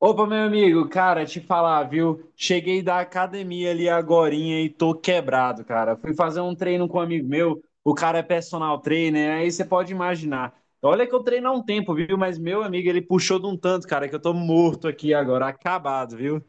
Opa, meu amigo, cara, te falar, viu? Cheguei da academia ali agorinha e tô quebrado, cara. Fui fazer um treino com um amigo meu, o cara é personal trainer, aí você pode imaginar. Olha que eu treino há um tempo, viu? Mas meu amigo, ele puxou de um tanto, cara, que eu tô morto aqui agora, acabado, viu?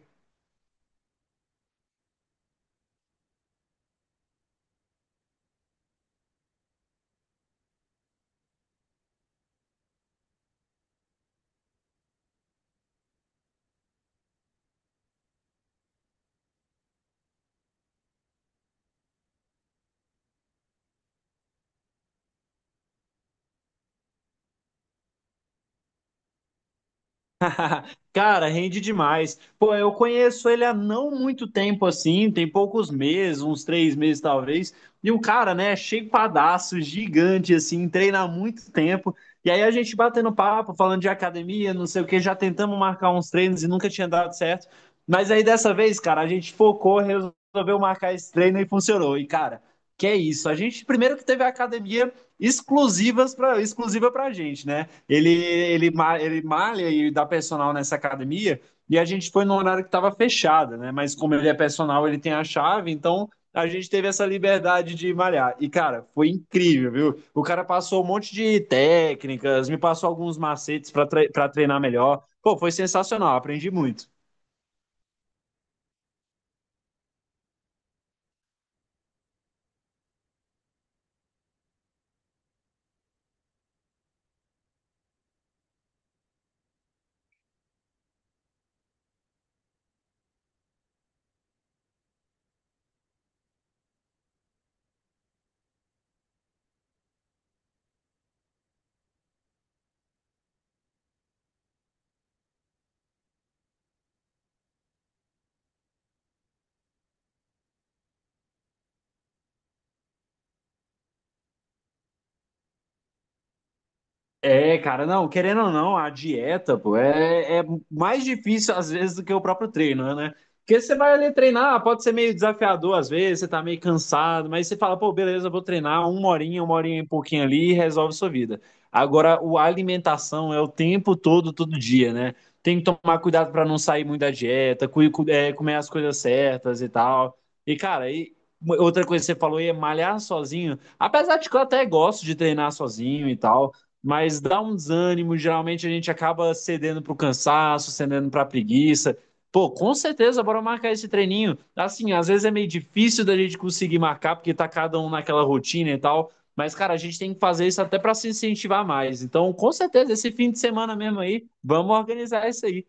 Cara, rende demais. Pô, eu conheço ele há não muito tempo assim, tem poucos meses, uns três meses talvez. E o cara, né, shapeadaço, gigante, assim, treina há muito tempo. E aí a gente batendo papo, falando de academia, não sei o que, já tentamos marcar uns treinos e nunca tinha dado certo. Mas aí dessa vez, cara, a gente focou, resolveu marcar esse treino e funcionou. E, cara, que é isso. A gente primeiro que teve a academia exclusiva pra gente, né? Ele malha e dá personal nessa academia, e a gente foi no horário que estava fechada, né? Mas como ele é personal, ele tem a chave, então a gente teve essa liberdade de malhar. E, cara, foi incrível, viu? O cara passou um monte de técnicas, me passou alguns macetes para treinar melhor. Pô, foi sensacional, aprendi muito. É, cara, não, querendo ou não, a dieta, pô, é mais difícil às vezes do que o próprio treino, né? Porque você vai ali treinar, pode ser meio desafiador às vezes, você tá meio cansado, mas você fala, pô, beleza, vou treinar uma horinha e pouquinho ali e resolve sua vida. Agora, o a alimentação é o tempo todo, todo dia, né? Tem que tomar cuidado para não sair muito da dieta, comer as coisas certas e tal. E, cara, e outra coisa que você falou aí é malhar sozinho. Apesar de que eu até gosto de treinar sozinho e tal, mas dá um desânimo. Geralmente a gente acaba cedendo para o cansaço, cedendo para a preguiça. Pô, com certeza, bora marcar esse treininho. Assim, às vezes é meio difícil da gente conseguir marcar, porque tá cada um naquela rotina e tal. Mas, cara, a gente tem que fazer isso até para se incentivar mais. Então, com certeza, esse fim de semana mesmo aí, vamos organizar isso aí.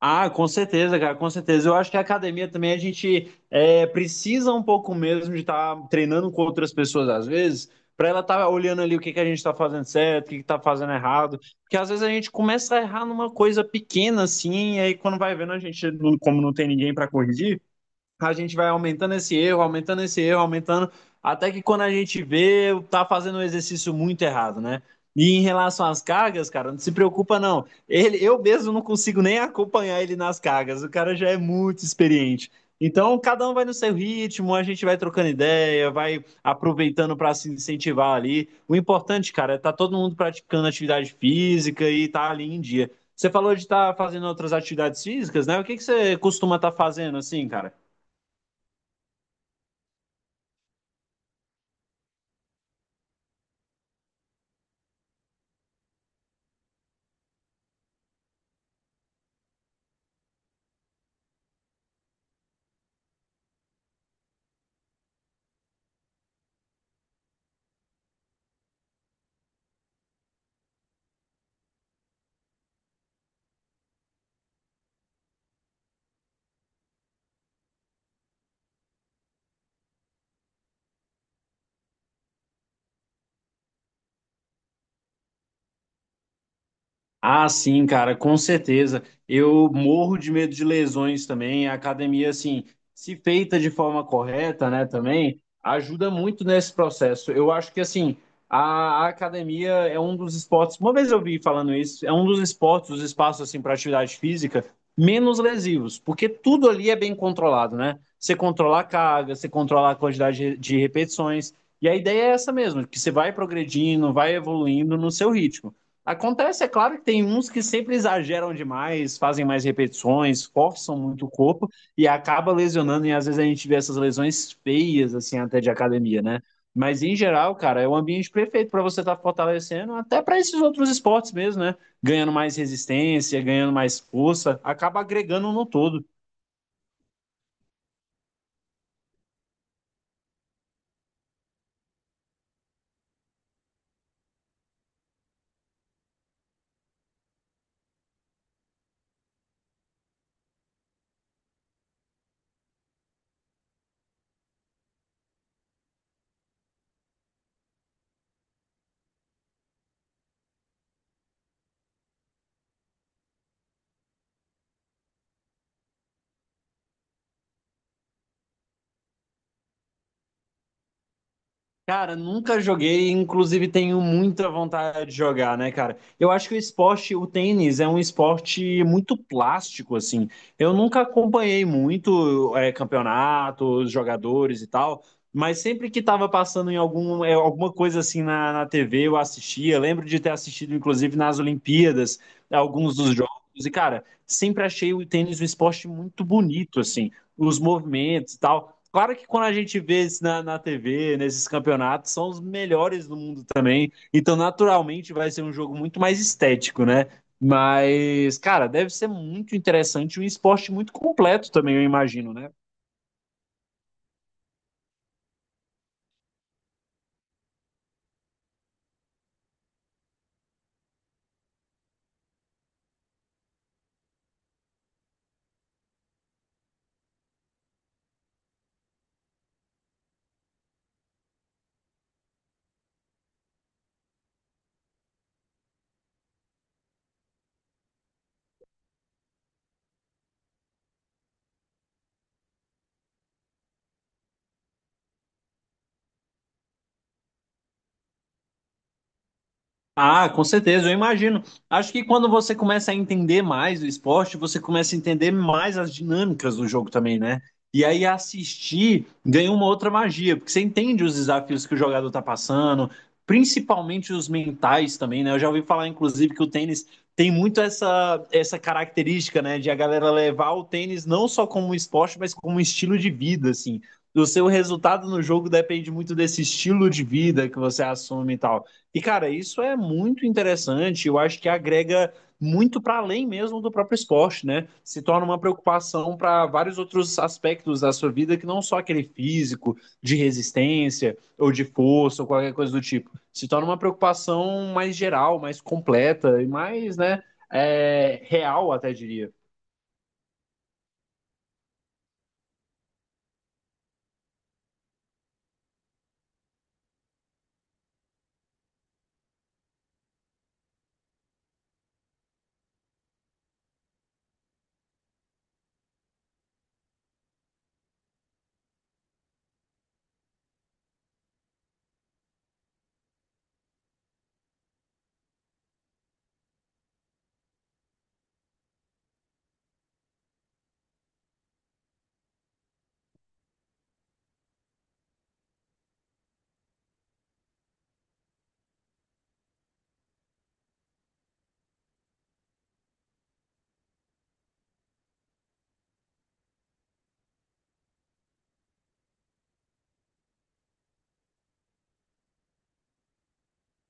Ah, com certeza, cara, com certeza. Eu acho que a academia também a gente precisa um pouco mesmo de estar treinando com outras pessoas às vezes, para ela estar olhando ali o que que a gente está fazendo certo, o que que está fazendo errado, porque às vezes a gente começa a errar numa coisa pequena assim, e aí quando vai vendo a gente, como não tem ninguém para corrigir, a gente vai aumentando esse erro, aumentando esse erro, aumentando, até que quando a gente vê, tá fazendo um exercício muito errado, né? E em relação às cargas, cara, não se preocupa não. Ele, eu mesmo não consigo nem acompanhar ele nas cargas. O cara já é muito experiente. Então, cada um vai no seu ritmo, a gente vai trocando ideia, vai aproveitando para se incentivar ali. O importante, cara, é tá todo mundo praticando atividade física e tá ali em dia. Você falou de estar fazendo outras atividades físicas, né? O que que você costuma estar fazendo assim, cara? Ah, sim, cara, com certeza. Eu morro de medo de lesões também. A academia, assim, se feita de forma correta, né, também, ajuda muito nesse processo. Eu acho que, assim, a academia é um dos esportes. Uma vez eu vi falando isso, é um dos esportes, os espaços, assim, para atividade física menos lesivos, porque tudo ali é bem controlado, né? Você controla a carga, você controla a quantidade de repetições. E a ideia é essa mesmo, que você vai progredindo, vai evoluindo no seu ritmo. Acontece, é claro que tem uns que sempre exageram demais, fazem mais repetições, forçam muito o corpo e acaba lesionando, e às vezes a gente vê essas lesões feias, assim, até de academia, né? Mas em geral, cara, é o ambiente perfeito para você estar tá fortalecendo, até para esses outros esportes mesmo, né? Ganhando mais resistência, ganhando mais força, acaba agregando no todo. Cara, nunca joguei, inclusive tenho muita vontade de jogar, né, cara? Eu acho que o esporte, o tênis, é um esporte muito plástico, assim. Eu nunca acompanhei muito campeonatos, jogadores e tal, mas sempre que tava passando em algum, alguma coisa assim na TV, eu assistia. Lembro de ter assistido, inclusive, nas Olimpíadas, alguns dos jogos. E, cara, sempre achei o tênis um esporte muito bonito, assim. Os movimentos e tal. Claro que quando a gente vê isso na TV, nesses campeonatos, são os melhores do mundo também. Então, naturalmente, vai ser um jogo muito mais estético, né? Mas, cara, deve ser muito interessante, um esporte muito completo também, eu imagino, né? Ah, com certeza, eu imagino. Acho que quando você começa a entender mais o esporte, você começa a entender mais as dinâmicas do jogo também, né? E aí assistir ganha uma outra magia, porque você entende os desafios que o jogador tá passando, principalmente os mentais também, né? Eu já ouvi falar, inclusive, que o tênis tem muito essa característica, né, de a galera levar o tênis não só como um esporte, mas como um estilo de vida, assim. O seu resultado no jogo depende muito desse estilo de vida que você assume e tal. E, cara, isso é muito interessante. Eu acho que agrega muito para além mesmo do próprio esporte, né? Se torna uma preocupação para vários outros aspectos da sua vida que não só aquele físico, de resistência ou de força ou qualquer coisa do tipo. Se torna uma preocupação mais geral, mais completa e mais, né, real, até diria.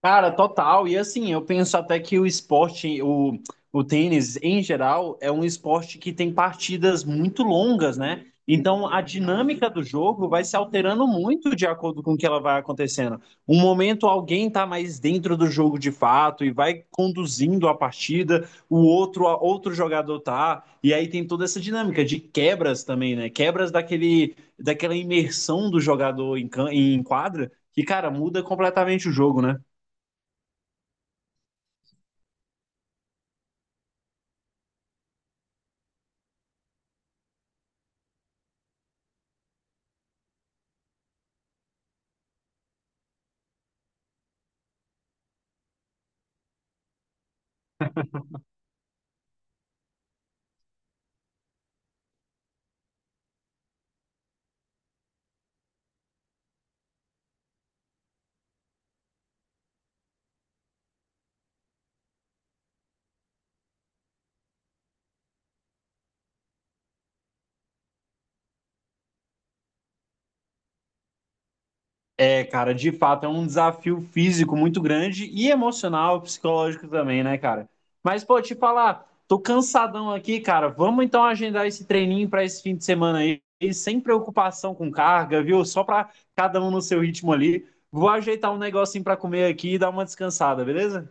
Cara, total. E assim, eu penso até que o esporte, o tênis em geral, é um esporte que tem partidas muito longas, né? Então a dinâmica do jogo vai se alterando muito de acordo com o que ela vai acontecendo. Um momento alguém tá mais dentro do jogo de fato e vai conduzindo a partida, o outro, outro jogador tá. E aí tem toda essa dinâmica de quebras também, né? Quebras daquele, daquela imersão do jogador em, em quadra, que, cara, muda completamente o jogo, né? É, cara, de fato, é um desafio físico muito grande e emocional, psicológico também, né, cara? Mas, pô, te falar, tô cansadão aqui, cara. Vamos então agendar esse treininho pra esse fim de semana aí, e sem preocupação com carga, viu? Só pra cada um no seu ritmo ali. Vou ajeitar um negocinho pra comer aqui e dar uma descansada, beleza?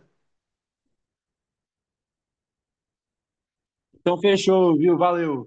Então, fechou, viu? Valeu.